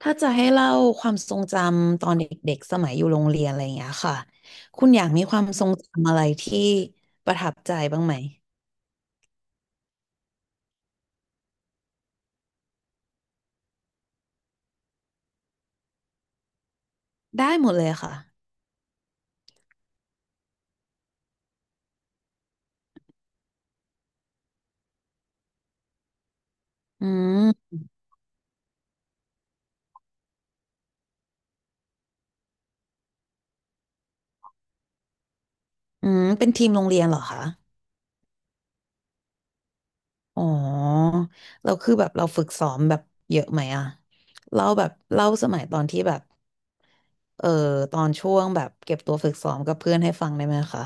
ถ้าจะให้เล่าความทรงจำตอนเด็กๆสมัยอยู่โรงเรียนอะไรอย่างเงี้ยค่ะคุณอยากมีความทรงจำอะไรที่ประทับใจบ้างไหมได้หมดเลยค่ะอืมอืมเป็นทีมโรงเรียนเหรอคะอ๋อเราคือแบบเราฝึกซ้อมแบบเยอะไหมอะเล่าแบบเล่าสมัยตอนที่แบบเออตอนช่วงแบบเก็บตัวฝึกซ้อมกับเพื่อนให้ฟังได้ไหมคะ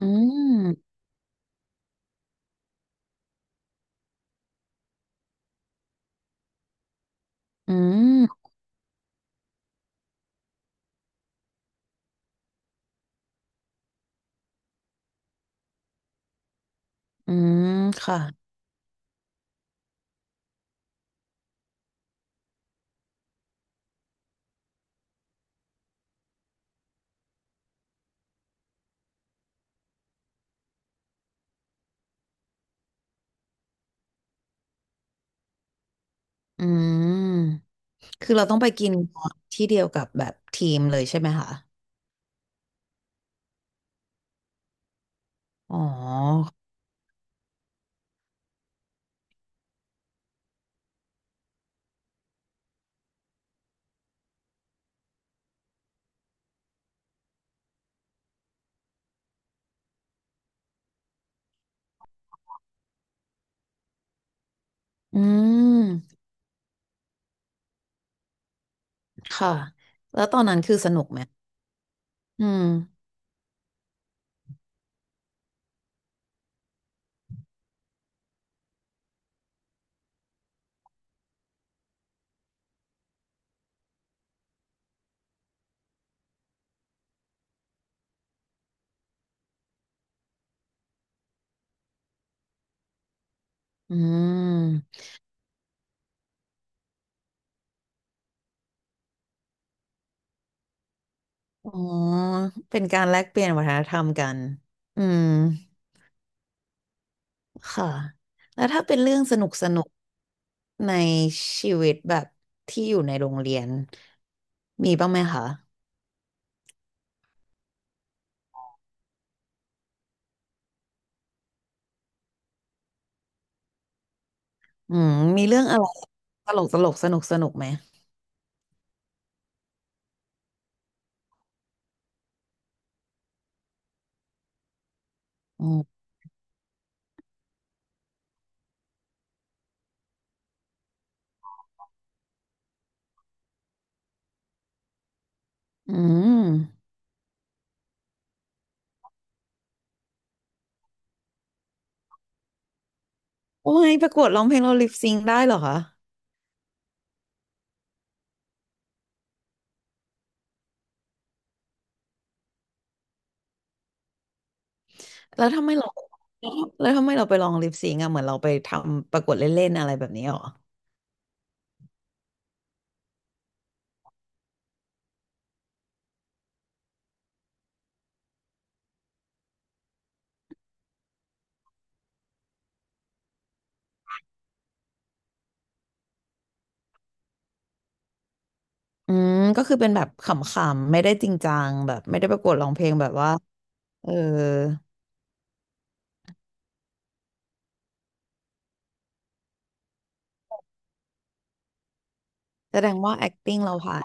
อืมอืมอืมค่ะอืม คือเราต้องไปกินที่เดียวกับแบบทีมเลยใช่ไหมคะอ๋ออืมค่ะ แล้วตอนนั้นคือสนุกไหมอืมอืมอ๋อเป็นการแลกเปลี่ยนวัฒนธรรมกันอืมค่ะ แล้วถ้าเป็นเรื่องสนุกสนุกในชีวิตแบบที่อยู่ในโรงเรียนมีบ้างไหมคะอืมมีเรื่องอะไรตลกตลกสนุกสนุกไหมอืมอืมโอ้ยประกวดร้องเพลงเราลิปซิงได้เหรอคะ แล้วทำไมเราแล้วทำไมเราไปลองลิปซิงก์อะเหมือนเราไปทำประกวดเล่นๆอะไรแบบนี้หรออืมก็คือเป็นแบบขำๆไม่ได้จริงจังแบบไม่ได้ประกวดร้องเพลงแบบว่าเออแสดงว่า acting เราผ่าน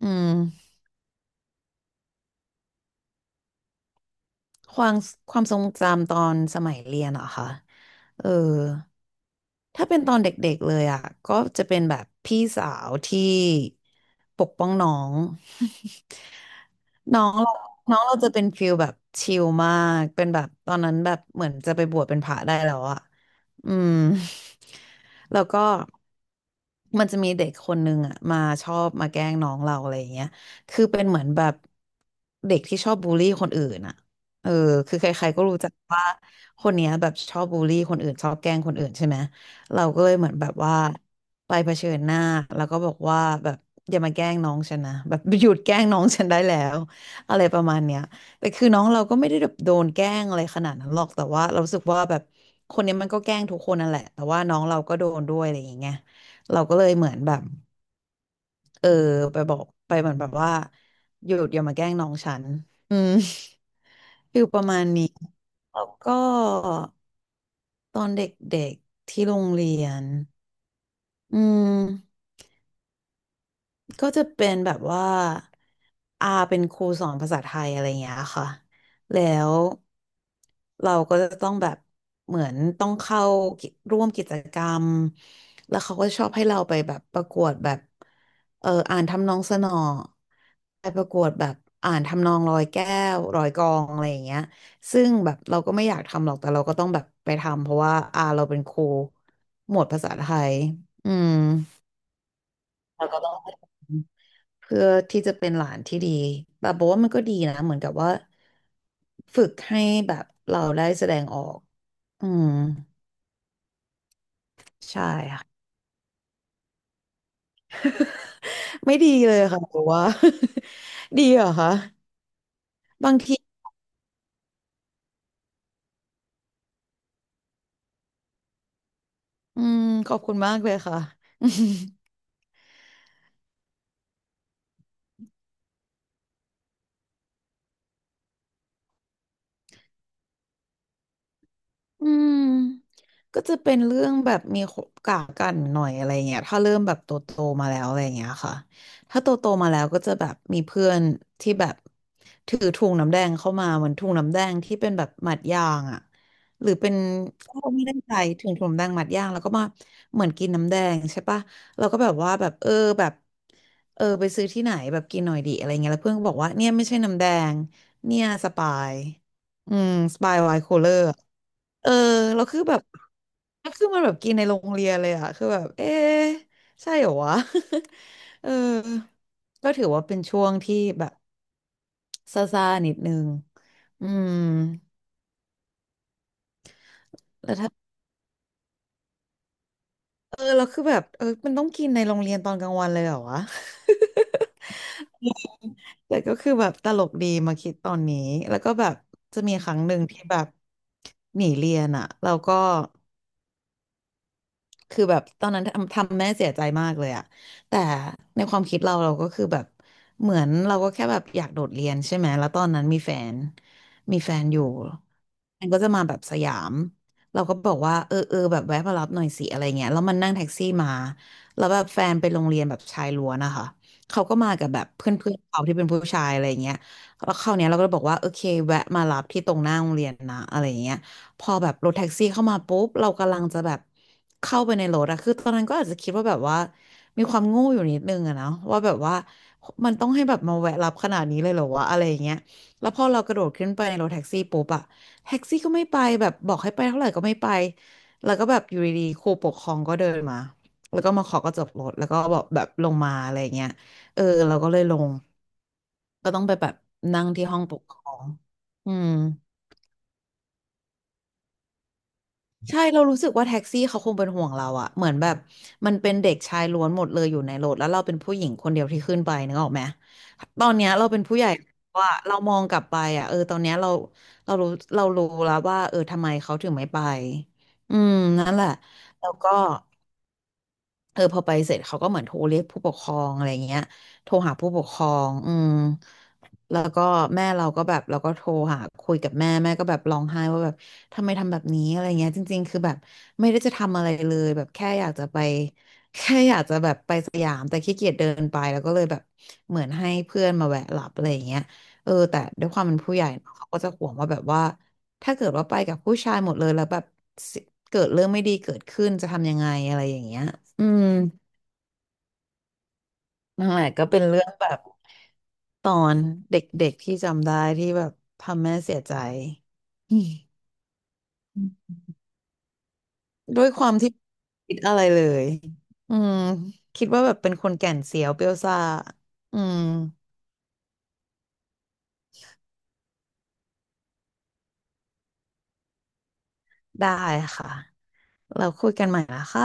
อืมความความทรงจำตอนสมัยเรียนเหรอคะเออถ้าเป็นตอนเด็กๆเลยอ่ะก็จะเป็นแบบพี่สาวที่ปกป้องน้อง น้องเราน้องเราจะเป็นฟิลแบบชิลมาก เป็นแบบตอนนั้นแบบเหมือนจะไปบวชเป็นพระได้แล้วอะ อืม แล้วก็มันจะมีเด็กคนนึงอ่ะมาชอบมาแกล้งน้องเราอะไรอย่างเงี้ยคือเป็นเหมือนแบบเด็กที่ชอบบูลลี่คนอื่นอ่ะเออคือใครๆก็รู้จักว่าคนเนี้ยแบบชอบบูลลี่คนอื่นชอบแกล้งคนอื่นใช่ไหมเราก็เลยเหมือนแบบว่าไปเผชิญหน้าแล้วก็บอกว่าแบบอย่ามาแกล้งน้องฉันนะแบบหยุดแกล้งน้องฉันได้แล้วอะไรประมาณเนี้ย แต่คือน้องเราก็ไม่ได้แบบโดนแกล้งอะไรขนาดนั้นหรอกแต่ว่าเรารู้สึกว่าแบบคนเนี้ยมันก็แกล้งทุกคนนั่นแหละแต่ว่าน้องเราก็โดนด้วยอะไรอย่างเงี้ยเราก็เลยเหมือนแบบเออไปบอกไปเหมือนแบบว่าหยุดอย่ามาแกล้งน้องฉันอืม ฟิลประมาณนี้แล้วก็ตอนเด็กๆที่โรงเรียนอืม ก็จะเป็นแบบว่าอาเป็นครูสอนภาษาไทยอะไรอย่างเงี้ยค่ะแล้วเราก็จะต้องแบบเหมือนต้องเข้ากิร่วมกิจกรรมแล้วเขาก็ชอบให้เราไปแบบประกวดแบบอ่านทำนองสนอไปประกวดแบบอ่านทำนองร้อยแก้วร้อยกลองอะไรอย่างเงี้ยซึ่งแบบเราก็ไม่อยากทำหรอกแต่เราก็ต้องแบบไปทำเพราะว่าอาเราเป็นครูหมวดภาษาไทยอืมเราก็ต้อง เพื่อที่จะเป็นหลานที่ดีแบบบอกว่ามันก็ดีนะเหมือนกับว่าฝึกให้แบบเราได้แสดงออก อืม ใช่ค่ะ ไม่ดีเลยค่ะบอกว่า ดีเหรอคะ บางทีอืมขอบคุณมากเลยค่ะ อืมก็จะเป็นเรื่องแบบมีกากกันหน่อยอะไรเงี้ยถ้าเริ่มแบบโตโตมาแล้วอะไรเงี้ยค่ะถ้าโตโตมาแล้วก็จะแบบมีเพื่อนที่แบบถือถุงน้ำแดงเข้ามาเหมือนถุงน้ำแดงที่เป็นแบบหมัดยางอ่ะหรือเป็นเขาไม่ได้ใจถึงถุงน้ำแดงหมัดยางแล้วก็มาเหมือนกินน้ำแดงใช่ปะเราก็แบบว่าแบบแบบเออไปซื้อที่ไหนแบบกินหน่อยดีอะไรเงี้ยแล้วเพื่อนก็บอกว่าเนี่ยไม่ใช่น้ำแดงเนี่ยสปายอืมสปายไวน์คูลเลอร์ เออแล้วคือแบบแล้วคือมันแบบกินในโรงเรียนเลยอะคือแบบเอ๊ะใช่เหรอวะ เออก็ถือว่าเป็นช่วงที่แบบซ่าๆนิดนึงอืมแล้วถ้าแล้วคือแบบเออมันต้องกินในโรงเรียนตอนกลางวันเลยเหรอวะ แต่ก็คือแบบตลกดีมาคิดตอนนี้แล้วก็แบบจะมีครั้งหนึ่งที่แบบหนีเรียนอะแล้วก็ คือแบบตอนนั้นทำทำแม่เสียใจมากเลยอะแต่ในความคิดเราเราก็คือแบบเหมือนเราก็แค่แบบอยากโดดเรียนใช่ไหม แล้วตอนนั้นมีแฟนอยู่มันก็จะมาแบบสยามเราก็บอกว่าเออเออแบบแวะมารับหน่อยสิอะไรเงี้ยแล้วมันนั่งแท็กซี่มาแล้วแบบแฟนไปโรงเรียนแบบชายล้วนนะคะเขาก็มากับแบบเพื่อนเพื่อนเขาที่เป็นผู้ชายอะไรเงี้ยแล้วคราวเนี้ยเราก็เลยบอกว่าโอเคแวะมารับที่ตรงหน้าโรงเรียนนะอะไรเงี้ย พอแบบรถแท็กซี่เข้ามาปุ๊บเรากำลังจะแบบเข้าไปในรถอะคือตอนนั้นก็อาจจะคิดว่าแบบว่ามีความโง่อยู่นิดนึงอะเนาะว่าแบบว่ามันต้องให้แบบมาแวะรับขนาดนี้เลยเหรอวะอะไรอย่างเงี้ยแล้วพอเรากระโดดขึ้นไปในรถแท็กซี่ปุ๊บอะแท็กซี่ก็ไม่ไปแบบบอกให้ไปเท่าไหร่ก็ไม่ไปแล้วก็แบบอยู่ดีๆครูปกครองก็เดินมาแล้วก็มาขอกระจกรถแล้วก็บอกแบบลงมาอะไรอย่างเงี้ยเออเราก็เลยลงก็ต้องไปแบบนั่งที่ห้องปกครองอืม ใช่เรารู้สึกว่าแท็กซี่เขาคงเป็นห่วงเราอะเหมือนแบบมันเป็นเด็กชายล้วนหมดเลยอยู่ในรถแล้วเราเป็นผู้หญิงคนเดียวที่ขึ้นไปนึกออกไหมตอนเนี้ยเราเป็นผู้ใหญ่ว่าเรามองกลับไปอะเออตอนเนี้ยเราเรารู้เรารู้แล้วว่าเออทำไมเขาถึงไม่ไปอืมนั่นแหละแล้วก็ เออพอไปเสร็จเขาก็เหมือนโทรเรียกผู้ปกครองอะไรเงี้ยโทรหาผู้ปกครองอืมแล้วก็แม่เราก็แบบเราก็โทรหาคุยกับแม่แม่ก็แบบร้องไห้ว่าแบบทำไมทำแบบนี้อะไรเงี้ยจริงๆคือแบบไม่ได้จะทำอะไรเลยแบบแค่อยากจะไป แค่อยากจะแบบไปสยามแต่ขี้เกียจเดินไปแล้วก็เลยแบบเหมือนให้เพื่อนมาแวะหลับอะไรอย่างเงี้ยเออแต่ด้วยความเป็นผู้ใหญ่เนอะเขาก็จะห่วงว่าแบบว่า ถ้าเกิดว่าไปกับผู้ชายหมดเลยแล้วแบบเกิดเรื่องไม่ดีเกิดขึ้นจะทำยังไงอะไรอย่างเงี้ยอืมนั่นแหละก็เป็นเรื่องแบบตอนเด็กๆที่จำได้ที่แบบทำแม่เสียใจ อืมด้วยความที่คิดอะไรเลยอืมคิดว่าแบบเป็นคนแก่นเสียวเปรี้ยวซ่าอืมได้ค่ะเราคุยกันใหม่นะคะ